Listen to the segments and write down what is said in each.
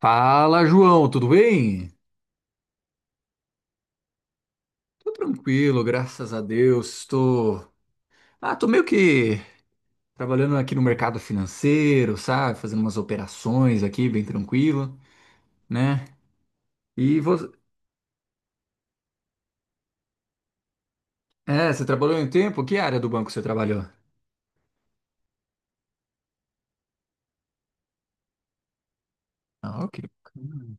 Fala, João, tudo bem? Tô tranquilo, graças a Deus. Tô meio que trabalhando aqui no mercado financeiro, sabe? Fazendo umas operações aqui, bem tranquilo, né? E você, você trabalhou em tempo? Que área do banco você trabalhou? Ah, que bacana.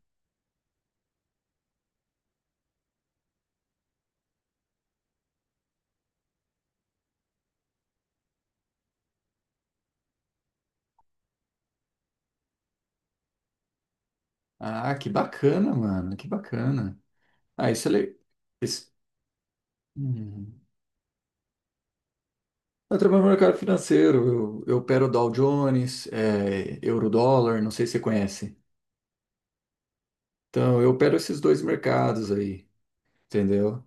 Ah, que bacana, mano, que bacana. Ah, isso. Hum. Eu trabalho no mercado financeiro, eu opero Dow Jones, Eurodólar, não sei se você conhece. Então, eu opero esses dois mercados aí. Entendeu?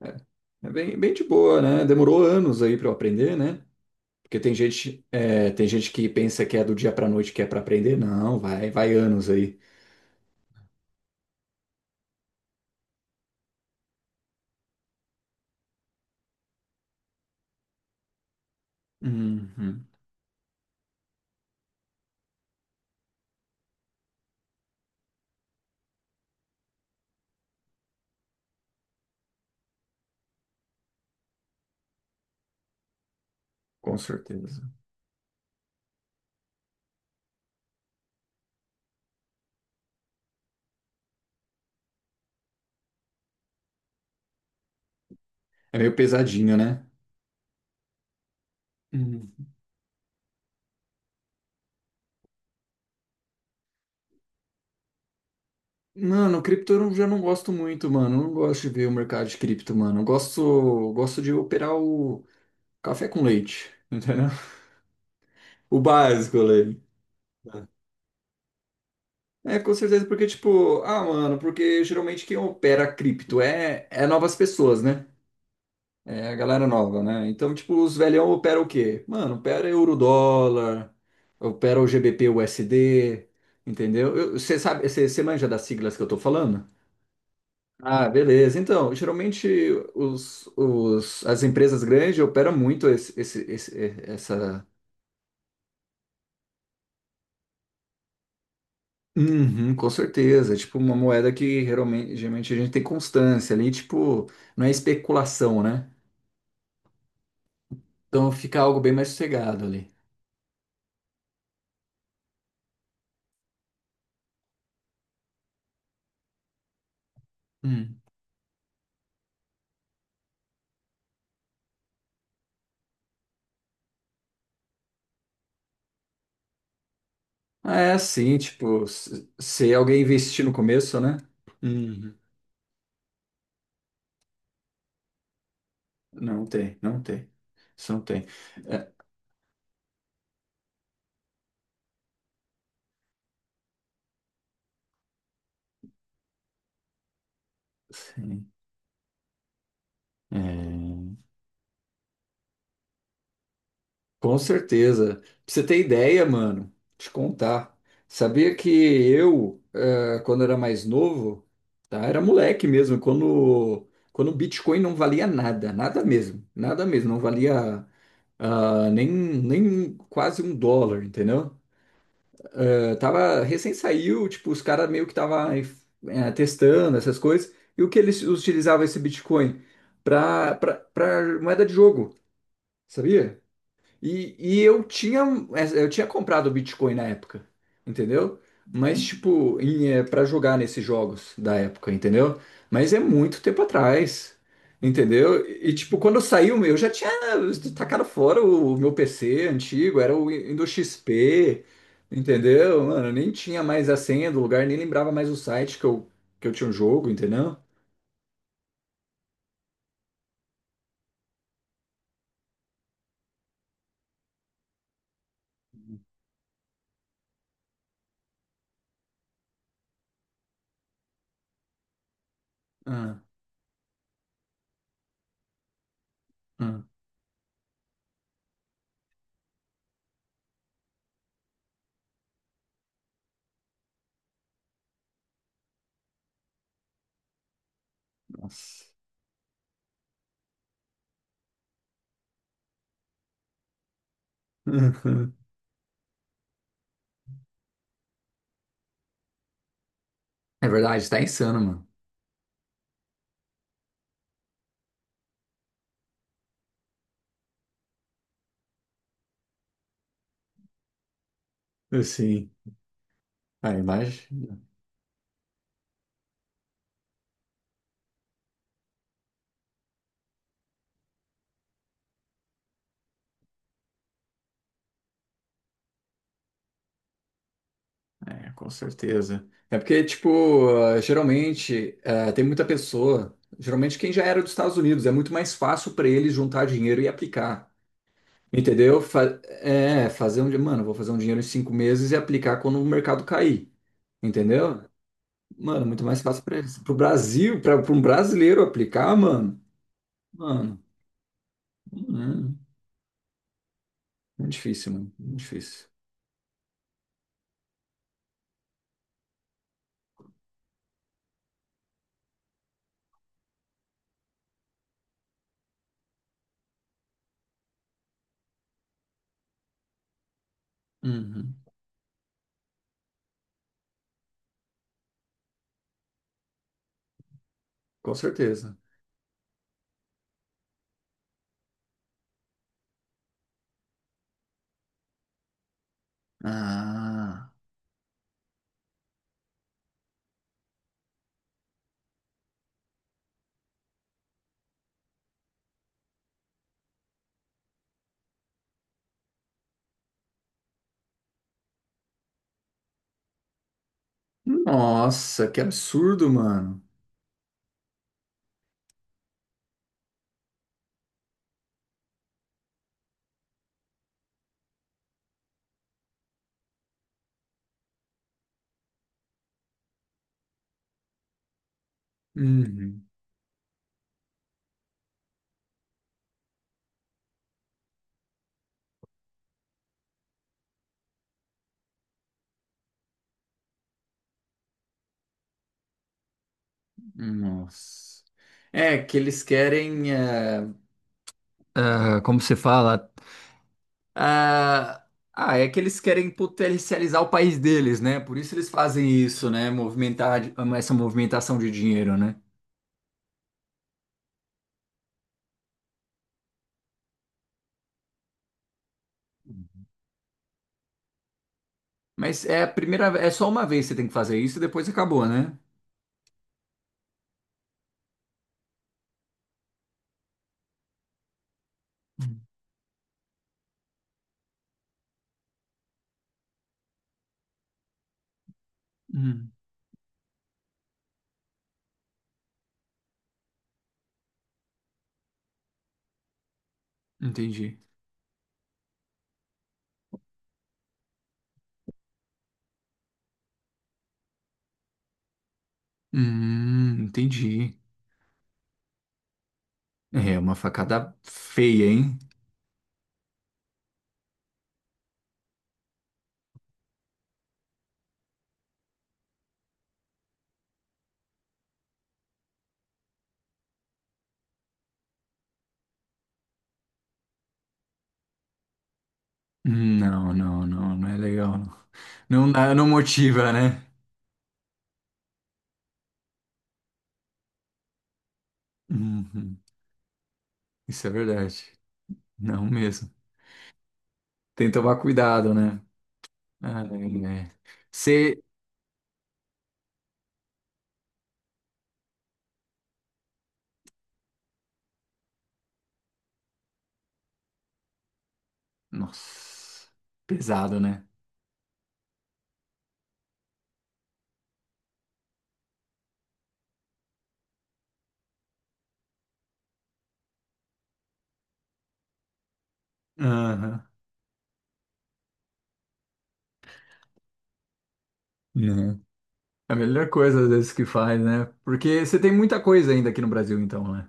É, é bem, bem de boa, né? Demorou anos aí para eu aprender, né? Porque tem gente, tem gente que pensa que é do dia para noite que é para aprender. Não, vai anos aí. Uhum, com certeza. É meio pesadinho, né? Uhum. Mano, cripto eu não- já não gosto muito, mano. Eu não gosto de ver o mercado de cripto, mano. Eu gosto de operar o café com leite, entendeu? O básico, ali. É, com certeza, porque, tipo, mano, porque geralmente quem opera cripto é novas pessoas, né? É a galera nova, né? Então, tipo, os velhão operam o quê? Mano, opera euro-dólar, opera o GBP USD, entendeu? Você sabe, você manja das siglas que eu tô falando? Ah, beleza. Então, geralmente as empresas grandes operam muito essa. Uhum, com certeza. Tipo, uma moeda que geralmente a gente tem constância ali, tipo, não é especulação, né? Então fica algo bem mais sossegado ali. Hum. Ah, é assim, tipo, se alguém investir no começo, né? Uhum. Não tem, não tem. Isso não tem. É, sim. É. Com certeza. Pra você ter ideia, mano, te contar. Sabia que eu, quando era mais novo, tá? Era moleque mesmo, quando o Bitcoin não valia nada, nada mesmo, nada mesmo, não valia nem quase um dólar, entendeu? Tava, recém saiu, tipo, os caras meio que tava testando essas coisas, e o que eles utilizavam esse Bitcoin? Pra moeda de jogo, sabia? E eu tinha comprado Bitcoin na época, entendeu? Mas, tipo, para jogar nesses jogos da época, entendeu? Mas é muito tempo atrás, entendeu? E, tipo, quando saiu, eu já tinha tacado fora o meu PC antigo, era o Windows XP, entendeu? Mano, eu nem tinha mais a senha do lugar, nem lembrava mais o site que eu tinha um jogo, entendeu? Ah, ah, nossa. É verdade, tá insano, mano. Sim, a imagem. É, com certeza. É porque, tipo, geralmente tem muita pessoa, geralmente quem já era dos Estados Unidos, é muito mais fácil para eles juntar dinheiro e aplicar. Entendeu? Mano, vou fazer um dinheiro em cinco meses e aplicar quando o mercado cair. Entendeu? Mano, muito mais fácil para eles. Pro Brasil, para um brasileiro aplicar, mano, hum, muito difícil, mano, muito difícil. Uhum, com certeza. Ah, nossa, que absurdo, mano. Uhum. Nossa. É que eles querem. Ah, como se fala? Ah, ah, é que eles querem potencializar o país deles, né? Por isso eles fazem isso, né? Movimentar essa movimentação de dinheiro, né? Mas é a primeira, é só uma vez que você tem que fazer isso e depois acabou, né? Hum, entendi. Entendi. É uma facada feia, hein? Não, não, não, não é legal. Não, não, não motiva, né? Uhum. Isso é verdade. Não mesmo. Tem que tomar cuidado, né? Ah, é. Ser. Nossa, pesado, né? Aham. Né? É a melhor coisa, às vezes, que faz, né? Porque você tem muita coisa ainda aqui no Brasil, então, né?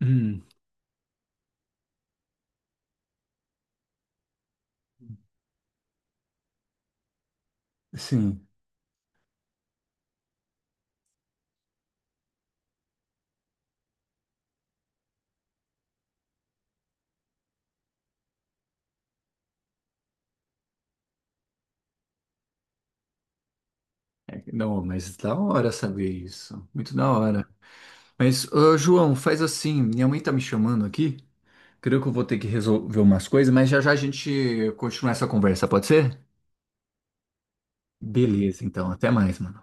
Hum, sim. É. Não, mas da hora saber isso. Muito da hora. Mas, ô, João, faz assim. Minha mãe tá me chamando aqui. Creio que eu vou ter que resolver umas coisas, mas já já a gente continua essa conversa, pode ser? Beleza, então. Até mais, mano.